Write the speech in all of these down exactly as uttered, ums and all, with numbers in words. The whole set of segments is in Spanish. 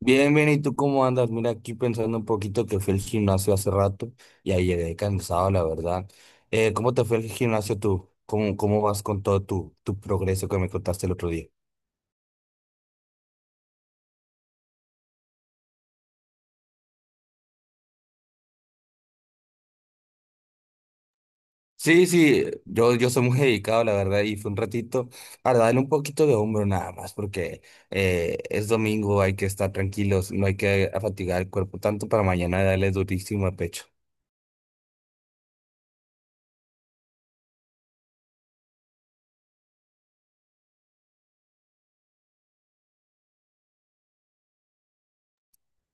Bien, bien, ¿y tú cómo andas? Mira, aquí pensando un poquito que fui al gimnasio hace rato y ahí llegué cansado, la verdad. Eh, ¿cómo te fue el gimnasio tú? ¿Cómo, cómo vas con todo tu, tu progreso que me contaste el otro día? Sí, sí, yo, yo soy muy dedicado, la verdad, y fue un ratito para darle un poquito de hombro nada más, porque eh, es domingo, hay que estar tranquilos, no hay que fatigar el cuerpo tanto para mañana darle durísimo al pecho.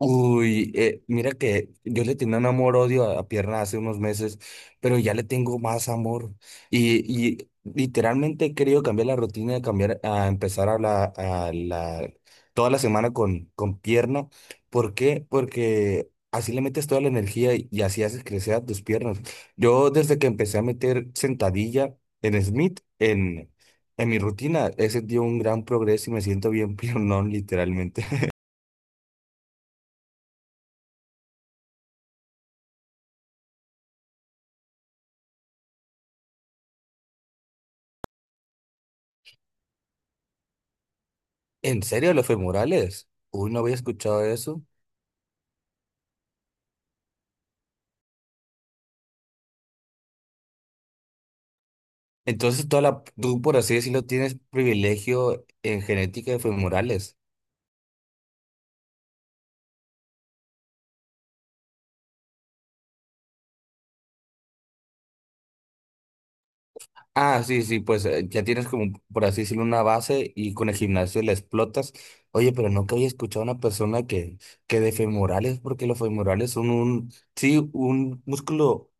Uy, eh, mira que yo le tenía un amor-odio a, a pierna hace unos meses, pero ya le tengo más amor. Y, y literalmente he querido cambiar la rutina, de cambiar, a empezar a la, a la, toda la semana con, con pierna. ¿Por qué? Porque así le metes toda la energía y, y así haces crecer a tus piernas. Yo desde que empecé a meter sentadilla en Smith, en, en mi rutina, he sentido un gran progreso y me siento bien piernón, literalmente. ¿En serio los femorales? Uy, no había escuchado eso. Entonces, toda la, tú, por así decirlo, tienes privilegio en genética de femorales. Ah, sí, sí, pues eh, ya tienes como, por así decirlo, una base y con el gimnasio la explotas. Oye, pero nunca había escuchado a una persona que, que de femorales, porque los femorales son un, sí, un músculo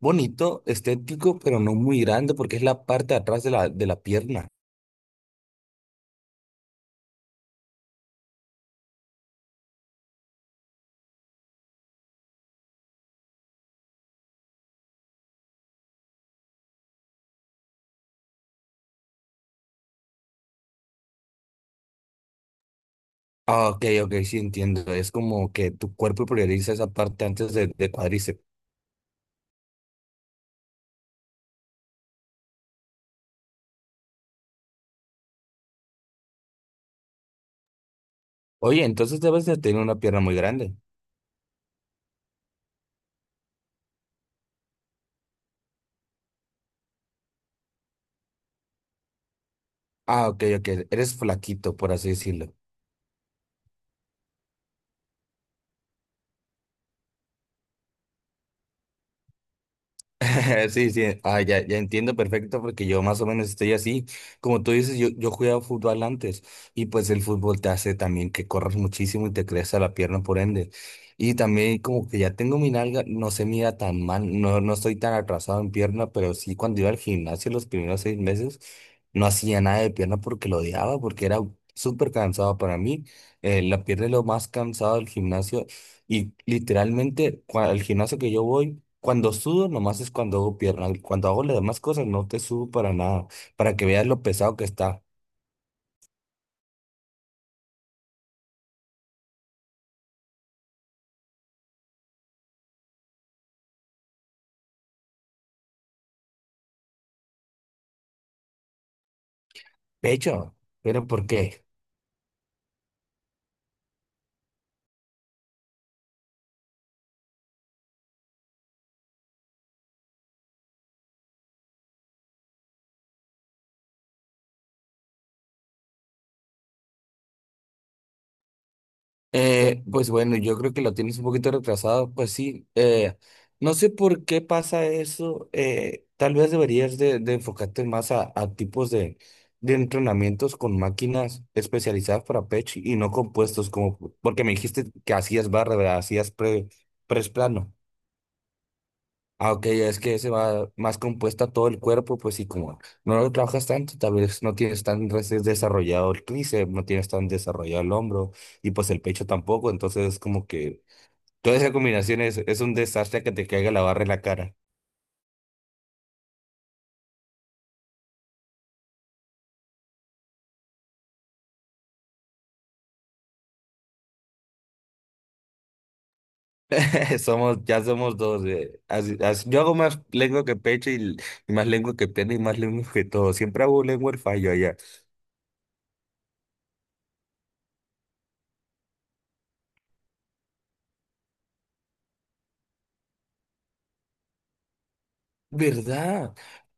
bonito, estético, pero no muy grande, porque es la parte de atrás de la, de la pierna. Ah, ok, ok, sí entiendo. Es como que tu cuerpo prioriza esa parte antes de, de cuádriceps. Oye, entonces debes de tener una pierna muy grande. Ah, ok, ok. Eres flaquito, por así decirlo. Sí, sí. Ah, ya, ya entiendo perfecto porque yo más o menos estoy así. Como tú dices, yo, yo jugaba fútbol antes y pues el fútbol te hace también que corras muchísimo y te crece la pierna por ende. Y también como que ya tengo mi nalga, no se mira tan mal, no, no estoy tan atrasado en pierna, pero sí cuando iba al gimnasio los primeros seis meses. No hacía nada de pierna porque lo odiaba, porque era súper cansado para mí. Eh, la pierna es lo más cansado del gimnasio. Y literalmente, cua- al gimnasio que yo voy, cuando sudo, nomás es cuando hago pierna. Cuando hago las demás cosas, no te subo para nada. Para que veas lo pesado que está. Pecho, ¿pero por qué? Eh, pues bueno, yo creo que lo tienes un poquito retrasado, pues sí, eh, no sé por qué pasa eso, eh, tal vez deberías de, de enfocarte más a, a tipos de, de entrenamientos con máquinas especializadas para pecho y no compuestos, como porque me dijiste que hacías barra, ¿verdad? Hacías pre, press plano. Ah, ok, es que se va más compuesta todo el cuerpo, pues sí, como no lo trabajas tanto, tal vez no tienes tan res- desarrollado el tríceps, no tienes tan desarrollado el hombro y pues el pecho tampoco, entonces como que toda esa combinación es, es un desastre que te caiga la barra en la cara. Somos, ya somos dos, eh, así- así- yo hago más lengua que pecho y, y más lengua que pierna y más lengua que todo, siempre hago lengua el fallo allá. ¿Verdad?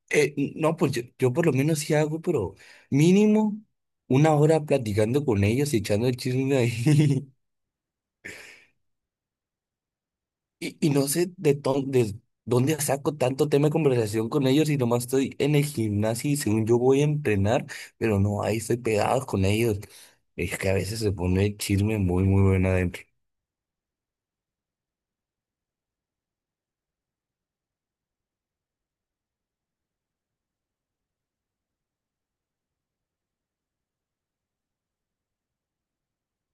Eh, no, pues yo, yo por lo menos sí hago, pero mínimo una hora platicando con ellos y echando el chisme ahí. Y, y no sé de, to- de dónde saco tanto tema de conversación con ellos y nomás estoy en el gimnasio y según yo voy a entrenar, pero no, ahí estoy pegado con ellos. Es que a veces se pone el chisme muy, muy bueno adentro.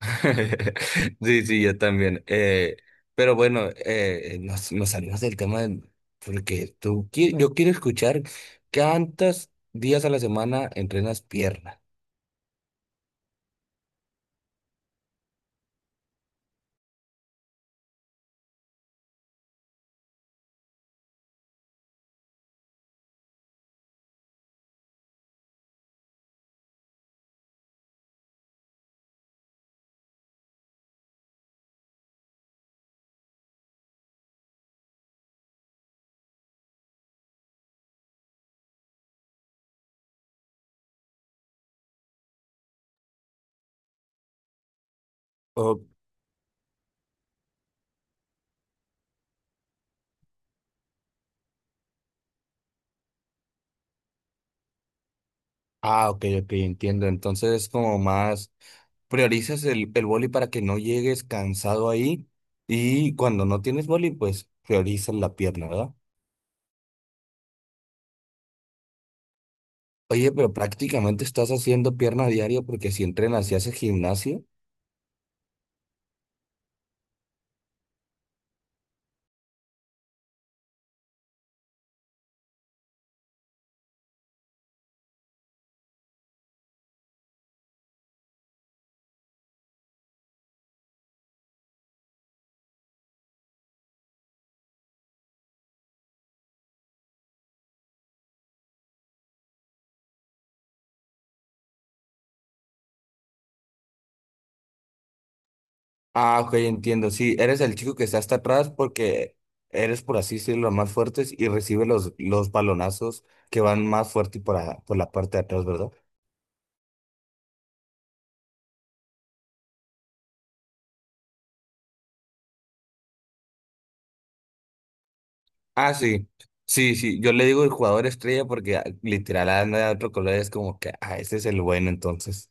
Sí, sí, yo también. Eh, pero bueno, eh, nos, nos salimos del tema del- porque tú, qui- yo quiero escuchar cuántos días a la semana entrenas pierna. O- ah, ok, ok, entiendo. Entonces, como más priorizas el, el boli para que no llegues cansado ahí y cuando no tienes boli, pues priorizas la pierna, ¿verdad? Oye, pero prácticamente estás haciendo pierna a diario porque si entrenas y haces gimnasio. Ah, ok, entiendo. Sí, eres el chico que está hasta atrás porque eres, por así decirlo, los más fuertes y recibe los, los balonazos que van más fuerte por, a- por la parte de atrás, ¿verdad? Ah, sí. Sí, sí. Yo le digo el jugador estrella porque ah, literal anda de otro color. Es como que, ah, este es el bueno, entonces.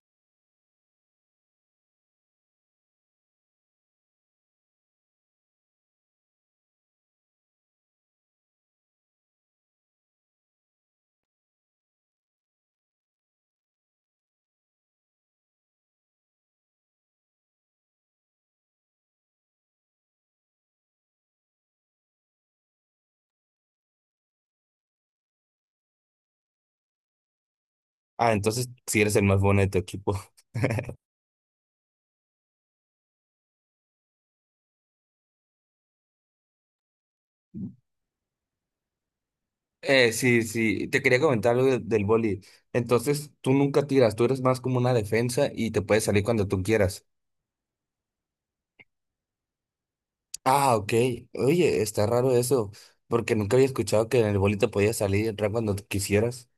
Ah, entonces sí eres el más bueno de tu equipo. Eh, sí, sí, te quería comentar algo de- del boli. Entonces, tú nunca tiras, tú eres más como una defensa y te puedes salir cuando tú quieras. Ah, ok. Oye, está raro eso, porque nunca había escuchado que en el bolito podías salir y entrar cuando tú quisieras.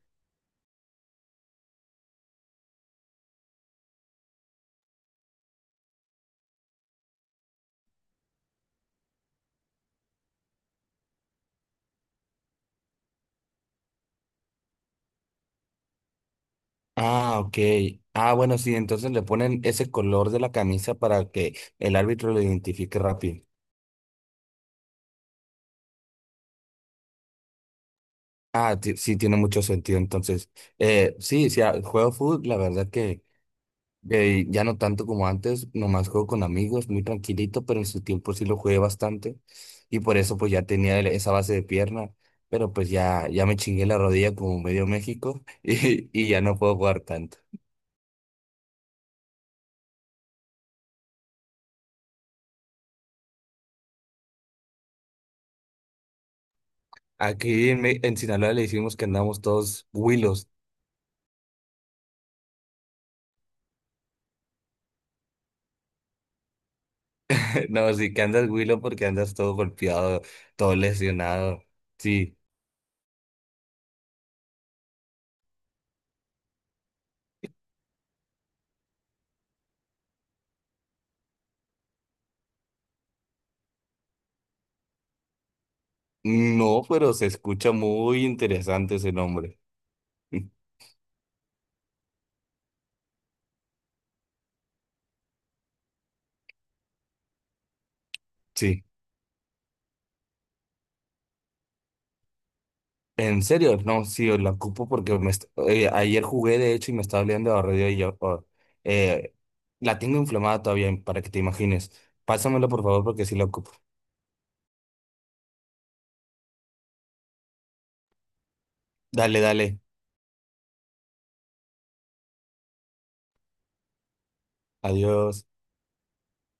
Ah, ok. Ah, bueno, sí, entonces le ponen ese color de la camisa para que el árbitro lo identifique rápido. Ah, ti- sí, tiene mucho sentido. Entonces, eh, sí, sí, ah, juego fútbol, la verdad que Eh, ya no tanto como antes, nomás juego con amigos, muy tranquilito, pero en su tiempo sí lo jugué bastante y por eso pues ya tenía el- esa base de pierna, pero pues ya, ya me chingué la rodilla como medio México y, y ya no puedo jugar tanto. Aquí en, Me- en Sinaloa le decimos que andamos todos huilos, no, sí que andas huilo porque andas todo golpeado, todo lesionado, sí. No, pero se escucha muy interesante ese nombre, sí. En serio, no, sí, la ocupo porque me est- eh, ayer jugué de hecho y me estaba oliendo a radio y yo oh, eh, la tengo inflamada todavía para que te imagines. Pásamelo por favor porque sí la ocupo. Dale, dale. Adiós.